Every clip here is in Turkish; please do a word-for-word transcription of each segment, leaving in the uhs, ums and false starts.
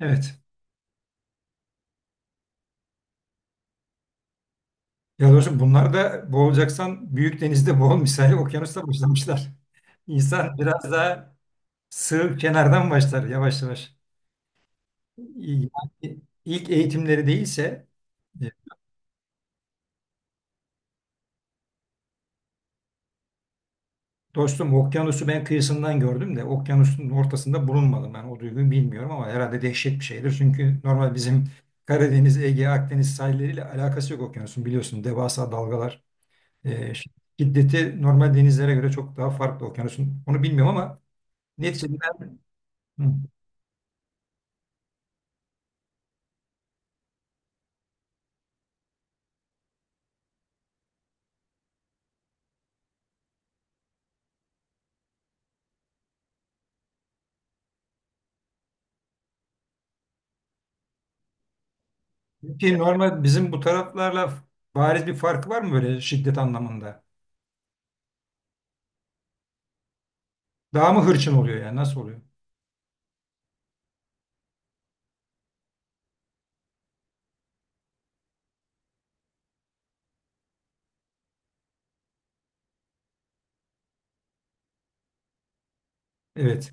Evet. Ya dostum bunlar da boğulacaksan büyük denizde boğul misali okyanusta başlamışlar. İnsan biraz daha sığ kenardan başlar yavaş yavaş. Yani ilk eğitimleri değilse e, dostum okyanusu ben kıyısından gördüm de okyanusun ortasında bulunmadım, ben o duyguyu bilmiyorum ama herhalde dehşet bir şeydir. Çünkü normal bizim Karadeniz, Ege, Akdeniz sahilleriyle alakası yok okyanusun, biliyorsun devasa dalgalar, e, şiddeti normal denizlere göre çok daha farklı okyanusun, onu bilmiyorum ama neticede. Hı. Peki normal bizim bu taraflarla bariz bir farkı var mı böyle şiddet anlamında? Daha mı hırçın oluyor, yani nasıl oluyor? Evet.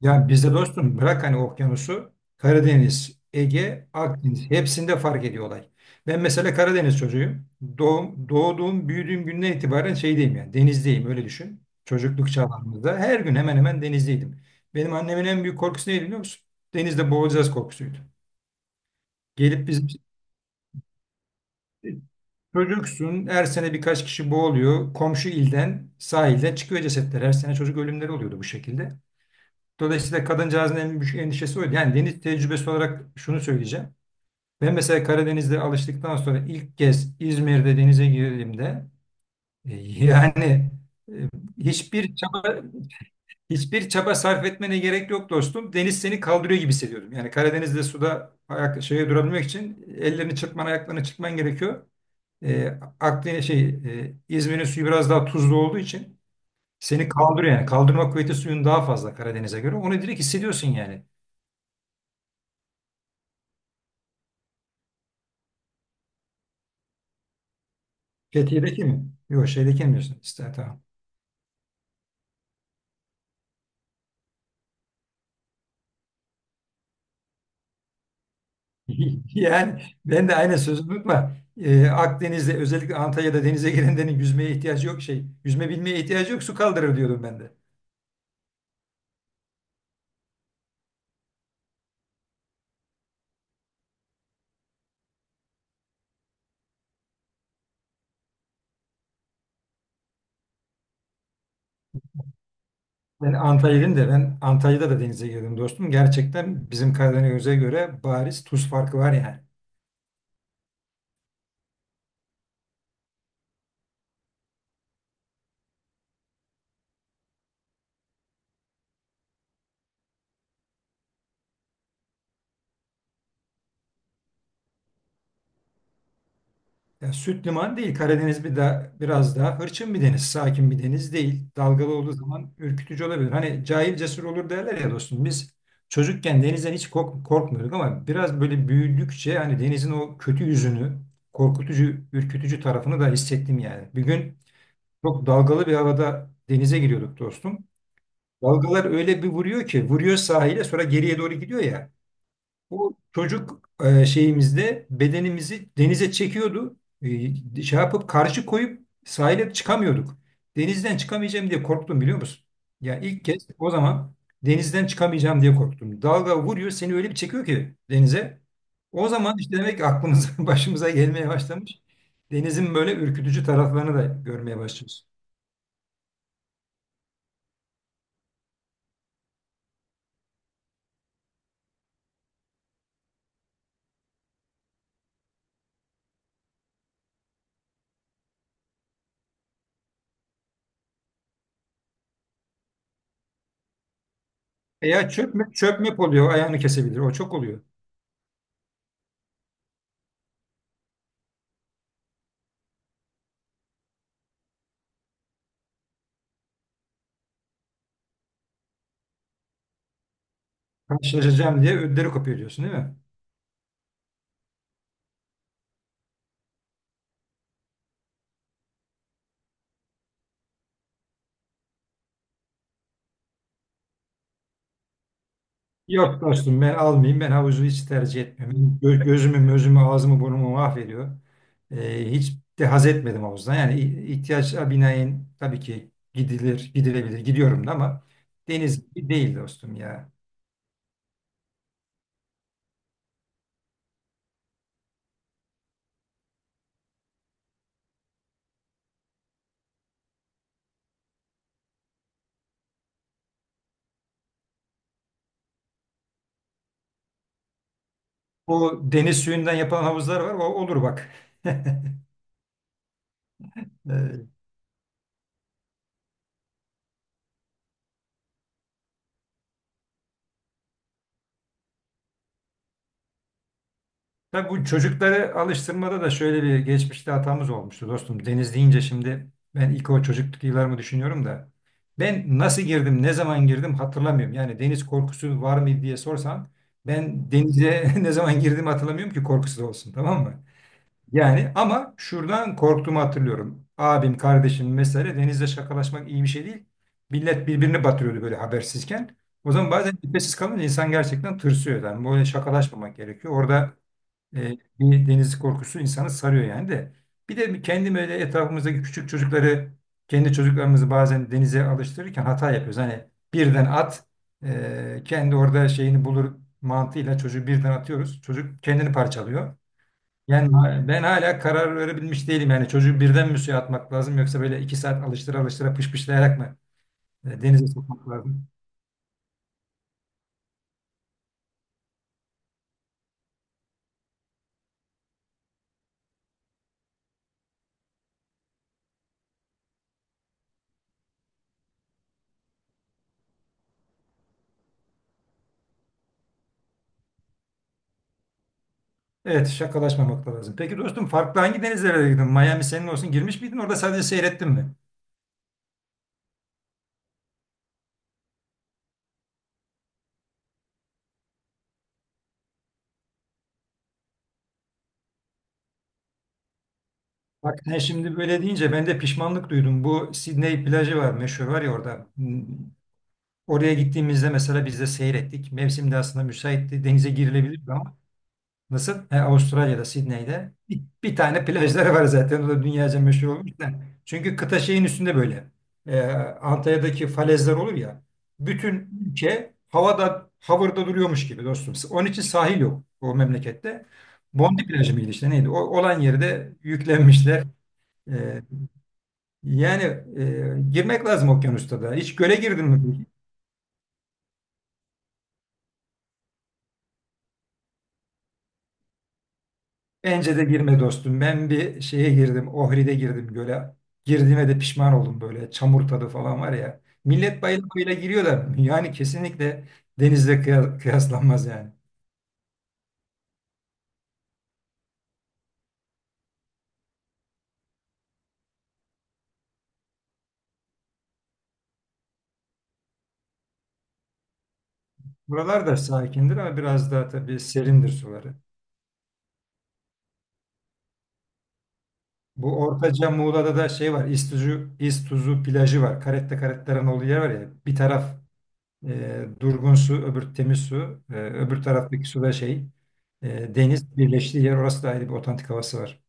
Ya bizde dostum bırak hani okyanusu, Karadeniz, Ege, Akdeniz hepsinde fark ediyor olay. Ben mesela Karadeniz çocuğuyum. Doğum, doğduğum, büyüdüğüm günden itibaren şeydeyim, yani denizdeyim, öyle düşün. Çocukluk çağlarımızda her gün hemen hemen denizdeydim. Benim annemin en büyük korkusu neydi biliyor musun? Denizde boğulacağız korkusuydu. Gelip bizim çocuksun, her sene birkaç kişi boğuluyor. Komşu ilden, sahilden çıkıyor cesetler. Her sene çocuk ölümleri oluyordu bu şekilde. Dolayısıyla kadıncağızın en büyük endişesi oydu. Yani deniz tecrübesi olarak şunu söyleyeceğim. Ben mesela Karadeniz'de alıştıktan sonra ilk kez İzmir'de denize girdiğimde e, yani e, hiçbir çaba hiçbir çaba sarf etmene gerek yok dostum. Deniz seni kaldırıyor gibi hissediyordum. Yani Karadeniz'de suda ayak şeye durabilmek için ellerini çırpman, ayaklarını çırpman gerekiyor. E, Akdeniz şey, e, İzmir'in suyu biraz daha tuzlu olduğu için seni kaldırıyor yani. Kaldırma kuvveti suyun daha fazla Karadeniz'e göre. Onu direkt hissediyorsun yani. Fethiye'deki mi? Yok şeydeki mi diyorsun? İşte, tamam. Yani ben de aynı sözü unutma. E, Akdeniz'de özellikle Antalya'da denize girenlerin yüzmeye ihtiyacı yok şey. Yüzme bilmeye ihtiyacı yok, su kaldırır diyordum ben de. Ben Antalya'dayım da, ben Antalya'da da denize girdim dostum. Gerçekten bizim Karadeniz'e göre bariz tuz farkı var yani. Ya süt liman değil. Karadeniz bir da biraz daha hırçın bir deniz. Sakin bir deniz değil. Dalgalı olduğu zaman ürkütücü olabilir. Hani cahil cesur olur derler ya dostum. Biz çocukken denizden hiç kork- korkmuyorduk ama biraz böyle büyüdükçe hani denizin o kötü yüzünü, korkutucu, ürkütücü tarafını da hissettim yani. Bir gün çok dalgalı bir havada denize giriyorduk dostum. Dalgalar öyle bir vuruyor ki, vuruyor sahile sonra geriye doğru gidiyor ya. Bu çocuk e, şeyimizde bedenimizi denize çekiyordu. E, şey yapıp karşı koyup sahile çıkamıyorduk. Denizden çıkamayacağım diye korktum biliyor musun? Yani ilk kez o zaman denizden çıkamayacağım diye korktum. Dalga vuruyor, seni öyle bir çekiyor ki denize. O zaman işte demek ki aklımıza başımıza gelmeye başlamış. Denizin böyle ürkütücü taraflarını da görmeye başlıyoruz. Veya çökme, çökmek oluyor, ayağını kesebilir. O çok oluyor. Karşılaşacağım diye ödleri kopuyor diyorsun değil mi? Yok dostum ben almayayım. Ben havuzu hiç tercih etmiyorum. gö- Gözümü, gözümü, ağzımı, burnumu mahvediyor. Ee, hiç de haz etmedim havuzdan. Yani i- ihtiyaca binaen tabii ki gidilir, gidilebilir. Gidiyorum da ama deniz gibi değil dostum ya. O deniz suyundan yapılan havuzlar var. O olur bak. Ee, Tabii bu çocukları alıştırmada da şöyle bir geçmişte hatamız olmuştu dostum. Deniz deyince şimdi ben ilk o çocukluk yıllarımı düşünüyorum da ben nasıl girdim, ne zaman girdim hatırlamıyorum. Yani deniz korkusu var mıydı diye sorsan ben denize ne zaman girdiğimi hatırlamıyorum ki korkusuz olsun, tamam mı? Yani ama şuradan korktuğumu hatırlıyorum. Abim, kardeşim mesela, denizde şakalaşmak iyi bir şey değil. Millet birbirini batırıyordu böyle habersizken. O zaman bazen nefessiz kalınca insan gerçekten tırsıyor. Yani böyle şakalaşmamak gerekiyor. Orada e, bir deniz korkusu insanı sarıyor yani de. Bir de kendim öyle, etrafımızdaki küçük çocukları, kendi çocuklarımızı bazen denize alıştırırken hata yapıyoruz. Hani birden at, e, kendi orada şeyini bulur mantığıyla çocuğu birden atıyoruz. Çocuk kendini parçalıyor. Yani ben hala karar verebilmiş değilim. Yani çocuğu birden mi suya atmak lazım, yoksa böyle iki saat alıştıra alıştıra pışpışlayarak mı e, denize sokmak lazım? Evet, şakalaşmamak da lazım. Peki dostum, farklı hangi denizlere gittin? Miami senin olsun, girmiş miydin? Orada sadece seyrettin mi? Bak sen şimdi böyle deyince ben de pişmanlık duydum. Bu Sydney plajı var meşhur, var ya orada. Hmm, oraya gittiğimizde mesela biz de seyrettik. Mevsim de aslında müsaitti. Denize girilebilirdi ama nasıl? He, Avustralya'da, Sydney'de bir, bir tane plajları var zaten. O da dünyaca meşhur olmuş da. Çünkü kıta şeyin üstünde böyle. Ee, Antalya'daki falezler olur ya. Bütün ülke havada, havırda duruyormuş gibi dostum. Onun için sahil yok o memlekette. Bondi plajı mıydı işte neydi? O, olan yeri de yüklenmişler. E, yani e, girmek lazım okyanusta da. Hiç göle girdin mi? Bence de girme dostum. Ben bir şeye girdim. Ohri'de girdim göle. Girdiğime de pişman oldum böyle. Çamur tadı falan var ya. Millet bayıla giriyor da yani kesinlikle denizle kıya- kıyaslanmaz yani. Buralar da sakindir ama biraz daha tabii serindir suları. Bu Ortaca Muğla'da da şey var. İztuzu, İztuzu plajı var. Caretta Caretta'nın olduğu yer var ya. Bir taraf, E, durgun su, öbür temiz su. E, öbür taraftaki su ve şey, e, deniz birleştiği yer. Orası da ayrı bir otantik havası var.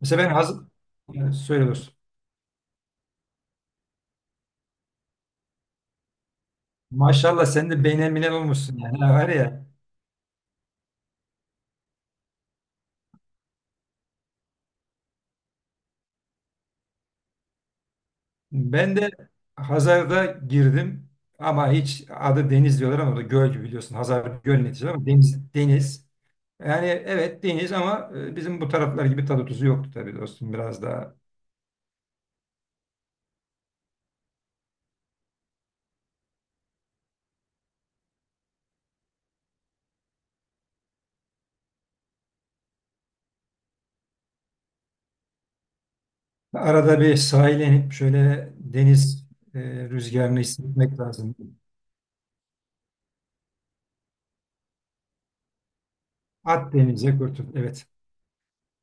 Mesela ben hazır, yani söyle dostum. Maşallah sen de beynel minel olmuşsun yani. Ha, var ya ben de Hazar'da girdim ama hiç adı deniz diyorlar ama o da göl gibi biliyorsun. Hazar göl neticede ama deniz, deniz. Yani evet deniz ama e, bizim bu taraflar gibi tadı tuzu yoktu tabii dostum. Biraz daha. Arada bir sahile inip şöyle deniz e, rüzgarını hissetmek lazım. At denize kurtul. Evet.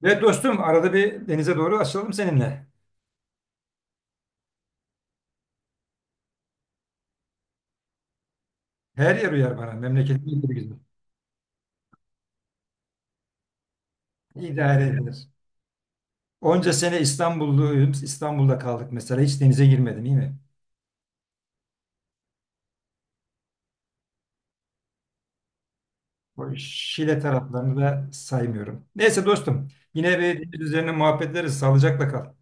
Evet dostum, arada bir denize doğru açılalım seninle. Her yer uyar bana. Memleketim gibi güzel. İdare edilir. Onca sene İstanbulluyum. İstanbul'da kaldık mesela. Hiç denize girmedim iyi mi? O Şile taraflarını da saymıyorum. Neyse dostum. Yine bir deniz üzerine muhabbet ederiz. Sağlıcakla kal.